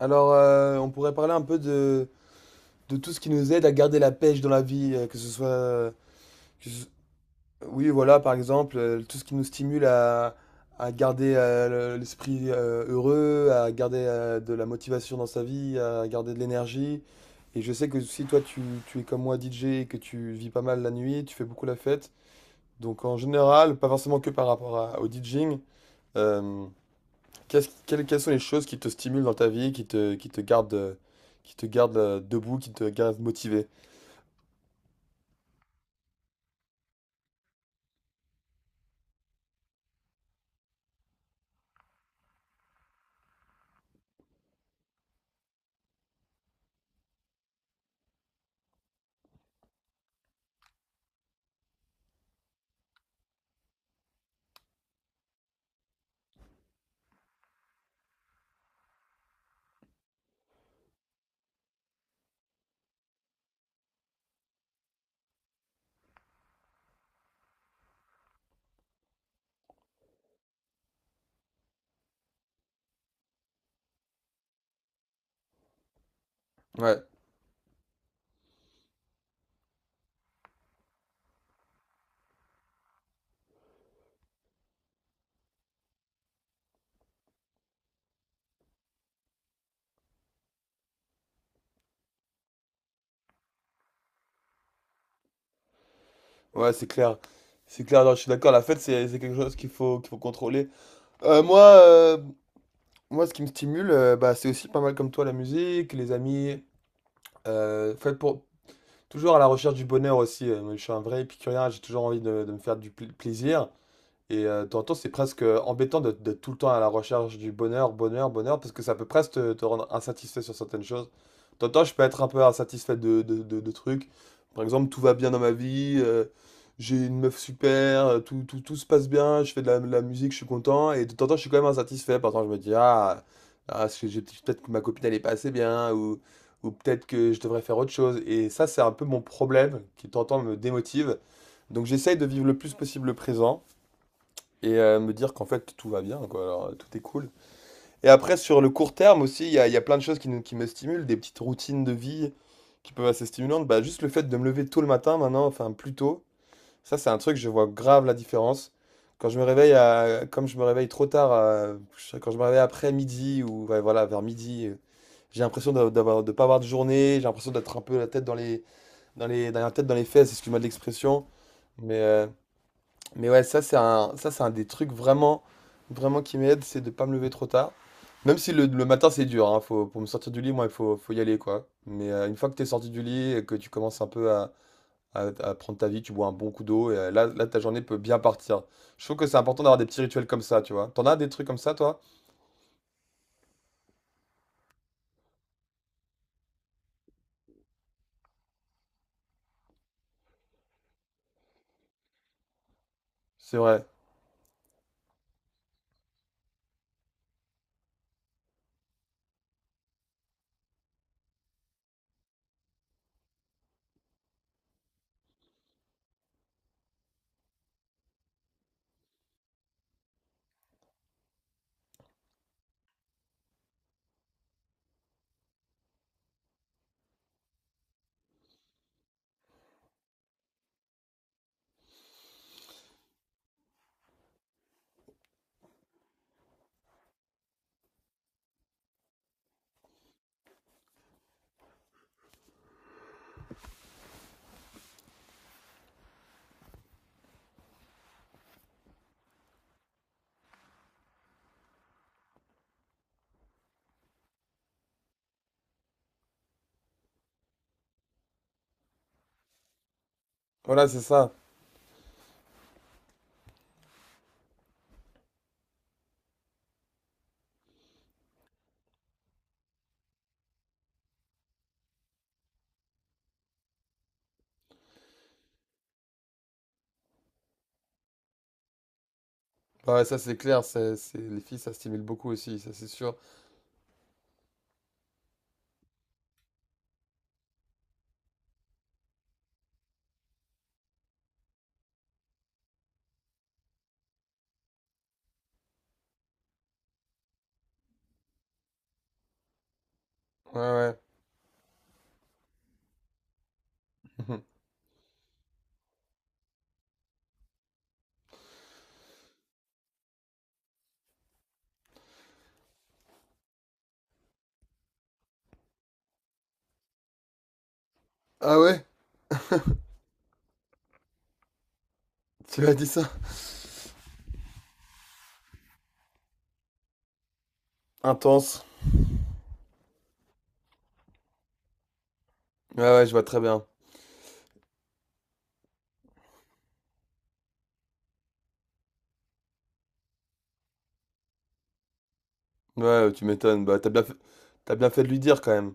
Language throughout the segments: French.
On pourrait parler un peu de tout ce qui nous aide à garder la pêche dans la vie, que ce soit, que ce- oui, voilà, par exemple, tout ce qui nous stimule à garder l'esprit heureux, à garder de la motivation dans sa vie, à garder de l'énergie. Et je sais que si tu es comme moi DJ et que tu vis pas mal la nuit, tu fais beaucoup la fête. Donc, en général, pas forcément que par rapport au DJing. Quelles sont les choses qui te stimulent dans ta vie, qui te gardent debout, qui te gardent motivé? Ouais, ouais, c'est clair. C'est clair, non, je suis d'accord, la fête, c'est quelque chose qu'il faut contrôler. Euh, moi, euh, Moi, ce qui me stimule, bah, c'est aussi pas mal comme toi, la musique, les amis. Euh, fait pour, Toujours à la recherche du bonheur aussi. Moi, je suis un vrai épicurien, j'ai toujours envie de me faire du plaisir. Et de temps en temps, c'est presque embêtant d'être tout le temps à la recherche du bonheur, bonheur, bonheur, parce que ça peut presque te rendre insatisfait sur certaines choses. De temps en temps, je peux être un peu insatisfait de trucs. Par exemple, tout va bien dans ma vie, j'ai une meuf super, euh, tout se passe bien, je fais de de la musique, je suis content, et de temps en temps, je suis quand même insatisfait. Par exemple, je me dis, ah, peut-être que ma copine, elle est pas assez bien, ou peut-être que je devrais faire autre chose. Et ça, c'est un peu mon problème qui, de temps en temps, me démotive. Donc, j'essaye de vivre le plus possible le présent et me dire qu'en fait tout va bien, quoi. Tout est cool. Et après, sur le court terme aussi, il y a plein de choses qui me stimulent, des petites routines de vie qui peuvent être assez stimulantes. Bah, juste le fait de me lever tôt le matin maintenant, enfin plus tôt, ça c'est un truc, je vois grave la différence. Quand je me réveille, comme je me réveille trop tard, quand je me réveille après midi ou ouais, voilà, vers midi, j'ai d'avoir, de pas avoir de journée, j'ai l'impression d'être un peu la tête dans la tête dans les fesses, excuse-moi de l'expression. Mais, euh, mais ouais, ça c'est un des trucs vraiment qui m'aide, c'est de pas me lever trop tard. Même si le matin c'est dur, hein, pour me sortir du lit, faut y aller quoi. Mais une fois que t'es sorti du lit et que tu commences un peu à prendre ta vie, tu bois un bon coup d'eau et là ta journée peut bien partir. Je trouve que c'est important d'avoir des petits rituels comme ça, tu vois. T'en as des trucs comme ça toi? C'est vrai. Voilà, c'est ça. Bah ouais, ça c'est clair, les filles ça stimule beaucoup aussi, ça c'est sûr. Ouais, ouais. Ah ouais? Tu m'as dit ça? Intense. Ouais, ouais, je vois très bien. Ouais, tu m'étonnes. Bah, t'as bien fait de lui dire quand même.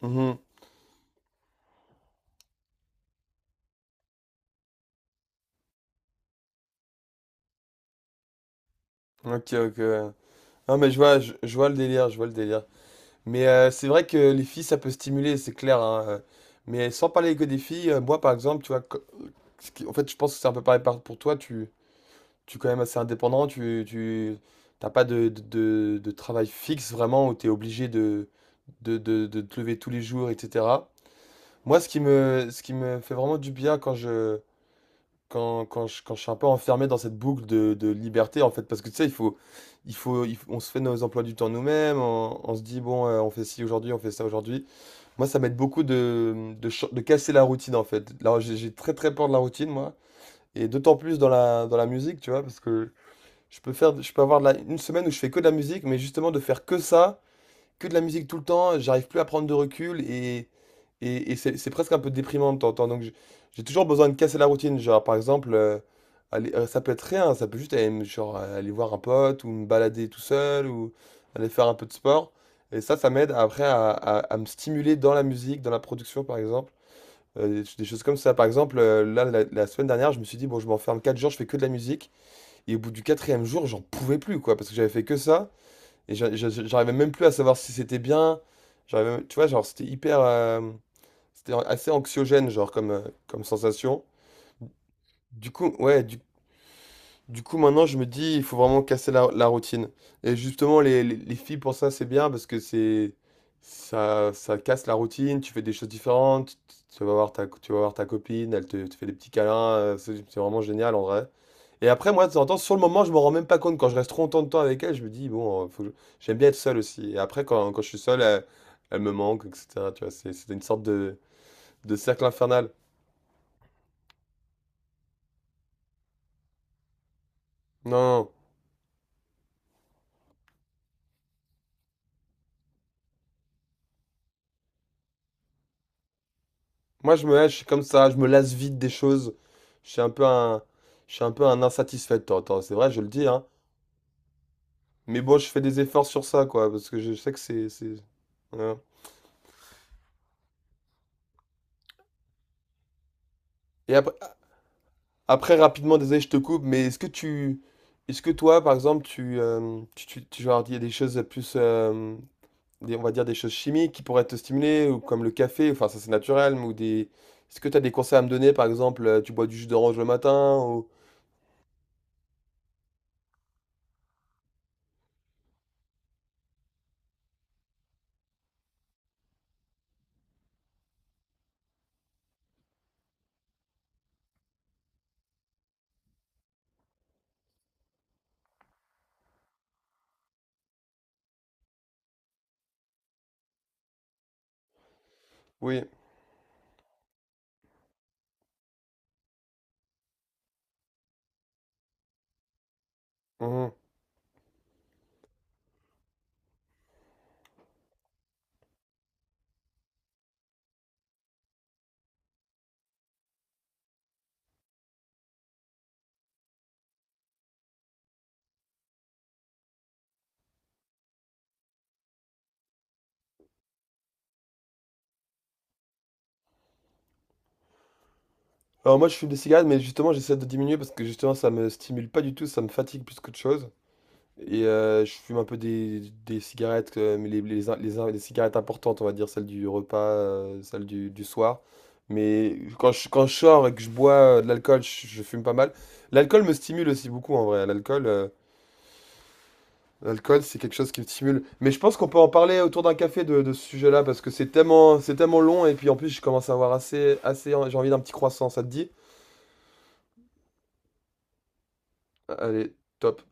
Mhm. Ok, ok. Ouais. Non, mais je vois, je vois le délire, je vois le délire. Mais c'est vrai que les filles, ça peut stimuler, c'est clair. Hein, Mais sans parler que des filles, moi, par exemple, tu vois, en fait, je pense que c'est un peu pareil pour toi. Tu es quand même assez indépendant. T'as pas de travail fixe vraiment où tu es obligé de te lever tous les jours, etc. Moi, ce qui me fait vraiment du bien quand quand je suis un peu enfermé dans cette boucle de liberté, en fait, parce que tu sais, on se fait nos emplois du temps nous-mêmes, on se dit, bon, on fait ci aujourd'hui, on fait ça aujourd'hui. Moi, ça m'aide beaucoup de casser la routine, en fait. Là, j'ai très peur de la routine, moi, et d'autant plus dans dans la musique, tu vois, parce que je peux faire, je peux avoir de une semaine où je fais que de la musique, mais justement, de faire que ça que de la musique tout le temps, j'arrive plus à prendre de recul et c'est presque un peu déprimant de temps en temps. Donc j'ai toujours besoin de casser la routine. Genre par exemple, ça peut être rien, ça peut juste genre, aller voir un pote ou me balader tout seul ou aller faire un peu de sport. Et ça m'aide après à me stimuler dans la musique, dans la production par exemple. Des choses comme ça. Par exemple, la semaine dernière, je me suis dit, bon, je m'enferme 4 jours, je fais que de la musique. Et au bout du quatrième jour, j'en pouvais plus, quoi, parce que j'avais fait que ça. Et j'arrivais même plus à savoir si c'était bien. J'arrivais, tu vois, genre, c'était hyper. C'était assez anxiogène, genre, comme sensation. Du coup, ouais, du, du coup, maintenant, je me dis, il faut vraiment casser la routine. Et justement, les filles, pour ça, c'est bien parce que c'est. Ça casse la routine, tu fais des choses différentes, tu vas voir tu vas voir ta copine, te fait des petits câlins, c'est vraiment génial en vrai. Et après, moi, de temps en temps, sur le moment, je me rends même pas compte. Quand je reste trop longtemps de temps avec elle, je me dis, bon, j'aime bien être seul aussi. Et après, quand je suis seul, elle me manque, etc. Tu vois, c'est une sorte de cercle infernal. Non, non. Moi, je me lâche, je suis comme ça, je me lasse vite des choses. Je suis je suis un peu un insatisfait de temps en temps. C'est vrai, je le dis, hein. Mais bon, je fais des efforts sur ça, quoi, parce que je sais que c'est... voilà. Et après, rapidement, désolé, je te coupe, mais est-ce que tu... Est-ce que toi, par exemple, tu genre, il y a des choses plus on va dire des choses chimiques qui pourraient te stimuler, ou comme le café, enfin ça c'est naturel, mais ou des... Est-ce que tu as des conseils à me donner, par exemple, tu bois du jus d'orange le matin ou... Oui. Mhm. Alors moi je fume des cigarettes, mais justement j'essaie de diminuer parce que justement ça me stimule pas du tout, ça me fatigue plus qu'autre chose. Et je fume un peu des cigarettes, mais les cigarettes importantes, on va dire, celles du repas, celles du soir. Mais quand quand je sors et que je bois de l'alcool, je fume pas mal. L'alcool me stimule aussi beaucoup en vrai. L'alcool, c'est quelque chose qui me stimule. Mais je pense qu'on peut en parler autour d'un café de ce sujet-là, parce que c'est tellement long, et puis en plus, je commence à avoir assez, j'ai envie d'un petit croissant, ça te dit? Allez, top.